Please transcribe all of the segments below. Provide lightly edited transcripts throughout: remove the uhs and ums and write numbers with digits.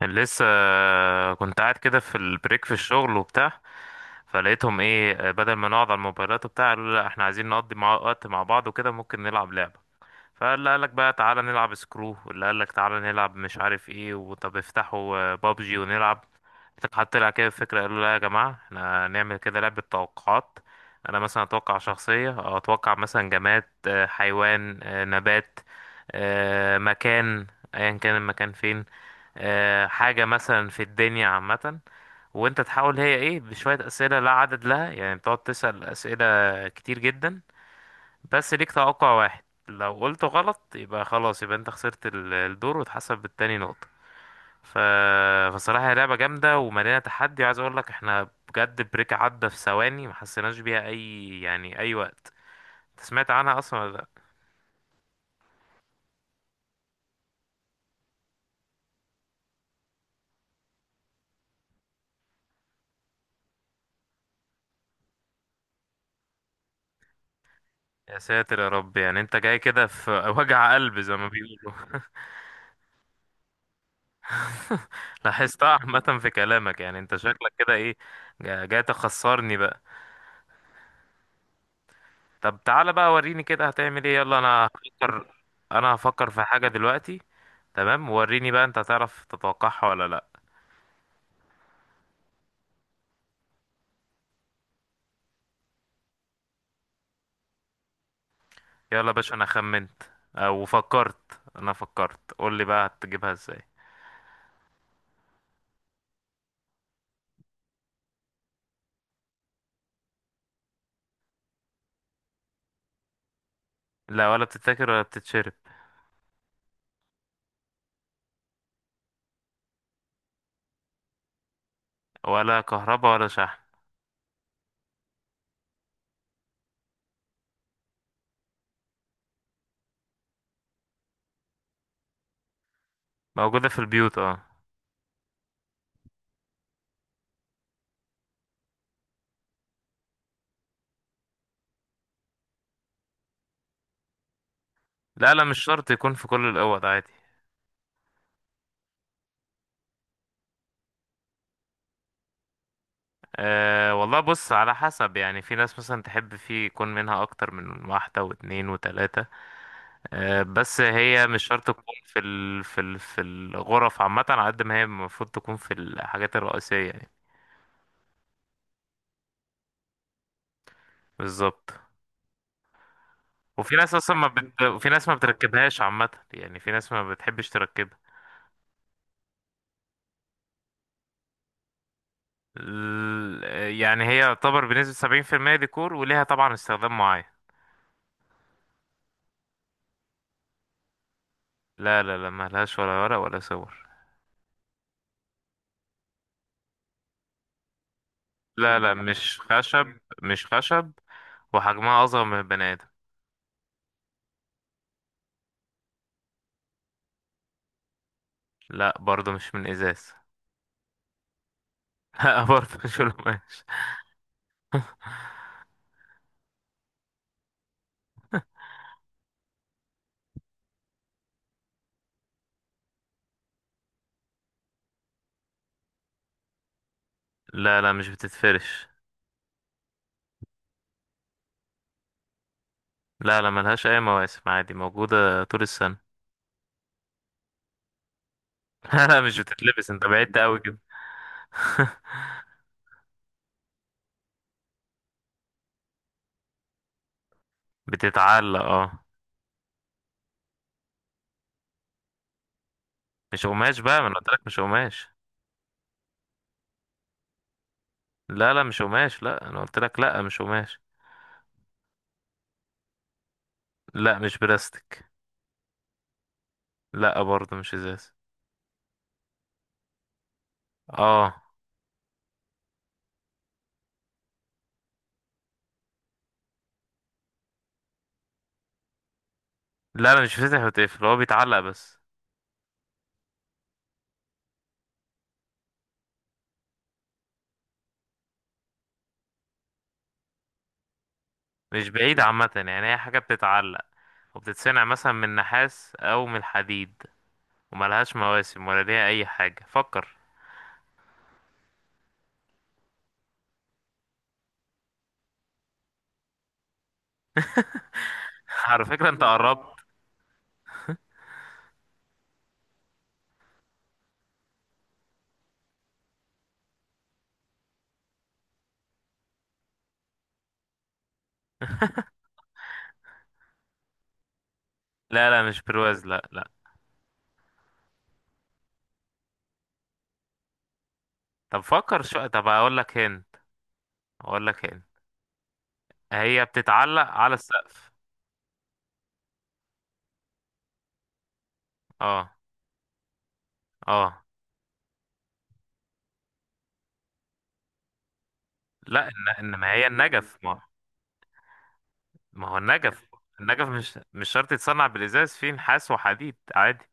كان لسه كنت قاعد كده في البريك في الشغل وبتاع، فلقيتهم ايه؟ بدل ما نقعد على الموبايلات وبتاع، قالوا لا، احنا عايزين نقضي مع وقت مع بعض وكده، ممكن نلعب لعبة. فاللي قالك بقى تعالى نلعب سكرو، واللي قالك تعالى نلعب مش عارف ايه، وطب افتحوا بابجي ونلعب. حتى لها كده فكرة، قالوا لا يا جماعة، احنا نعمل كده لعبة توقعات. انا مثلا اتوقع شخصية، أو اتوقع مثلا جماد، حيوان، نبات، مكان، ايا كان المكان فين، حاجة مثلا في الدنيا عامة. وانت تحاول هي ايه بشوية اسئلة لا عدد لها، يعني بتقعد تسأل اسئلة كتير جدا. بس ليك توقع واحد، لو قلته غلط يبقى خلاص، يبقى انت خسرت الدور وتحسب بالتاني نقطة. ف... فصراحة هي لعبة جامدة ومليانة تحدي، وعايز اقول لك احنا بجد بريك عدى في ثواني ما حسيناش بيها اي، يعني اي وقت. انت سمعت عنها اصلا ولا لا؟ يا ساتر يا رب، يعني انت جاي كده في وجع قلب زي ما بيقولوا. لاحظتها عامة في كلامك، يعني انت شكلك كده ايه، جاي تخسرني بقى. طب تعالى بقى وريني كده هتعمل ايه، يلا انا هفكر. انا هفكر في حاجة دلوقتي. تمام وريني بقى، انت هتعرف تتوقعها ولا لا؟ يلا يا باشا انا خمنت. او فكرت، انا فكرت، قول لي بقى هتجيبها ازاي. لا، ولا بتتاكل ولا بتتشرب. ولا كهرباء ولا شحن. موجودة في البيوت، اه. لا لا، مش شرط يكون في كل الاوض، عادي. أه والله، بص على حسب، يعني في ناس مثلا تحب فيه يكون منها أكتر من واحدة واتنين وتلاتة. أه، بس هي مش شرط تكون في ال في ال في الغرف عامة، على قد ما هي المفروض تكون في الحاجات الرئيسية يعني. بالظبط. وفي ناس أصلا ما بت... وفي ناس ما بتركبهاش عامة، يعني في ناس ما بتحبش تركبها. يعني هي يعتبر بنسبة 70% ديكور، وليها طبعا استخدام معين. لا لا لا، ملهاش ولا ورق ولا صور. لا لا، مش خشب مش خشب، وحجمها أصغر من البني آدم. لا برضه مش من إزاز. لا برضه مش من قماش. لا لا مش بتتفرش. لا لا، ملهاش أي مواسم، عادي موجودة طول السنة. لا لا مش بتتلبس، انت بعدت أوي كده. بتتعلق اه. مش قماش بقى، ما انا قلت لك مش قماش. لا لا مش قماش، لا انا قلت لك لا مش قماش. لا مش بلاستيك. لا برضه مش ازاز. اه. لا لا مش بيتفتح وتقفل، هو بيتعلق بس. مش بعيد عامة، يعني هي حاجة بتتعلق وبتتصنع مثلا من نحاس أو من الحديد، وملهاش مواسم ولا ليها اي حاجة، فكر. على فكرة انت قربت. لا لا مش برواز، لا لا. طب فكر شو، طب اقول لك هند. اقول لك هند هي بتتعلق على السقف. اه. اه. لا انما هي النجف، ما هو النجف. النجف مش شرط يتصنع بالازاز، فيه نحاس وحديد عادي.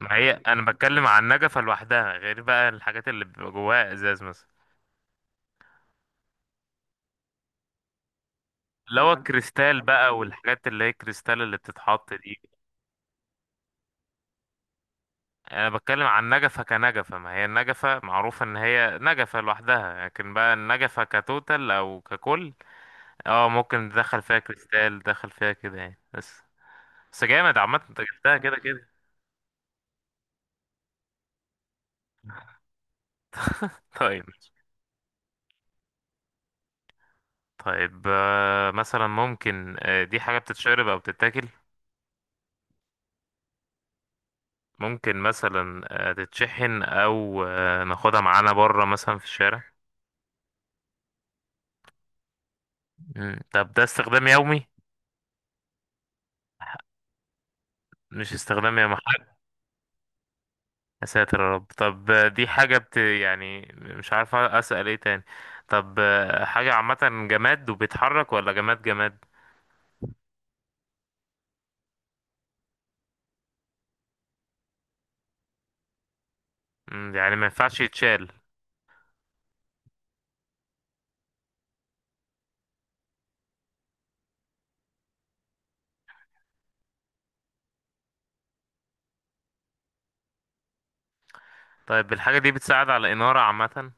ما هي انا بتكلم عن النجفة لوحدها، غير بقى الحاجات اللي بيبقى جواها ازاز مثلا. اللي هو الكريستال بقى، والحاجات اللي هي الكريستال اللي بتتحط دي. يعني انا بتكلم عن نجفة كنجفة، ما هي النجفة معروف ان هي نجفة لوحدها، لكن بقى النجفة كتوتال او ككل اه ممكن تدخل فيها كريستال، تدخل فيها كده يعني، بس. بس جامد عامة، انت جبتها كده كده. طيب. طيب، مثلا ممكن، دي حاجة بتتشرب او بتتاكل؟ ممكن مثلا تتشحن، او ناخدها معانا بره مثلا في الشارع؟ طب ده استخدام يومي؟ مش استخدام يومي. يا ساتر يا رب. طب دي حاجة بت يعني مش عارف أسأل ايه تاني. طب حاجة عامة، جماد وبيتحرك ولا جماد جماد؟ يعني ما ينفعش يتشال؟ طيب الحاجة دي بتساعد على إنارة عامة؟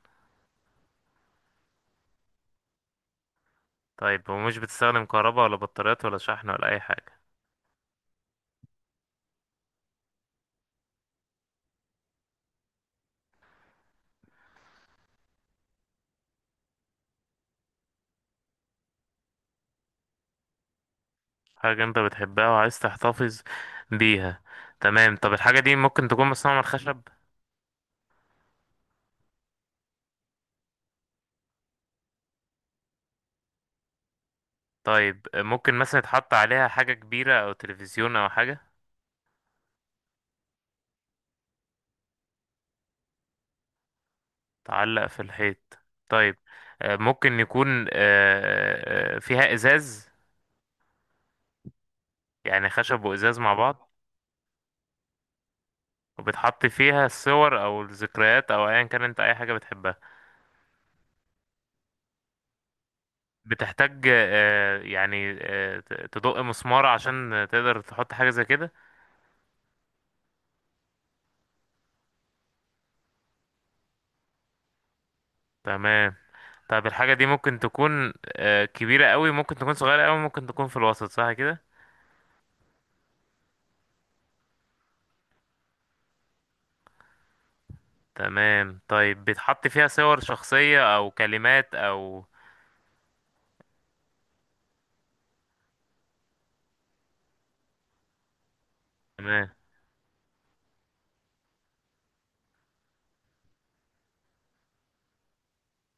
طيب ومش بتستخدم كهرباء ولا بطاريات ولا شحن ولا أي حاجة؟ حاجة أنت بتحبها وعايز تحتفظ بيها. تمام. طب الحاجة دي ممكن تكون مصنوعة من الخشب؟ طيب ممكن مثلا يتحط عليها حاجة كبيرة أو تلفزيون أو حاجة؟ تعلق في الحيط. طيب ممكن يكون فيها ازاز، يعني خشب وازاز مع بعض، وبتحط فيها الصور او الذكريات او ايا كان انت اي حاجه بتحبها. بتحتاج يعني، تدق مسمار عشان تقدر تحط حاجه زي كده. تمام. طب الحاجه دي ممكن تكون كبيره قوي، ممكن تكون صغيره قوي، ممكن تكون في الوسط، صح كده. تمام. طيب بتحط فيها صور شخصيه او كلمات او. تمام،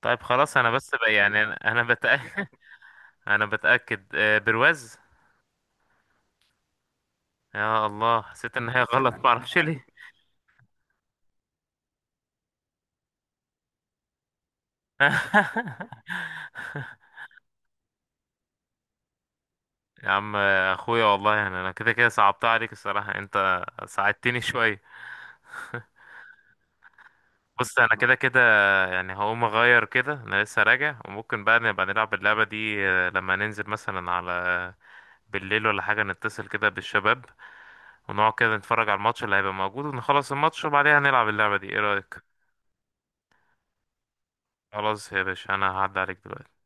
طيب خلاص. انا بس بقى يعني انا بتأكد. انا بتأكد، برواز. يا الله، حسيت ان هي غلط معرفش ليه. يا عم، اخويا والله، يعني انا كده كده صعبتها عليك الصراحة، انت ساعدتني شوية. بص انا كده كده، يعني هقوم اغير كده، انا لسه راجع، وممكن بقى نبقى نلعب اللعبة دي لما ننزل مثلا على، بالليل ولا حاجة نتصل كده بالشباب، ونقعد كده نتفرج على الماتش اللي هيبقى موجود، ونخلص الماتش وبعدها نلعب اللعبة دي، ايه رأيك؟ خلاص يا باشا، انا هعدي عليك دلوقتي.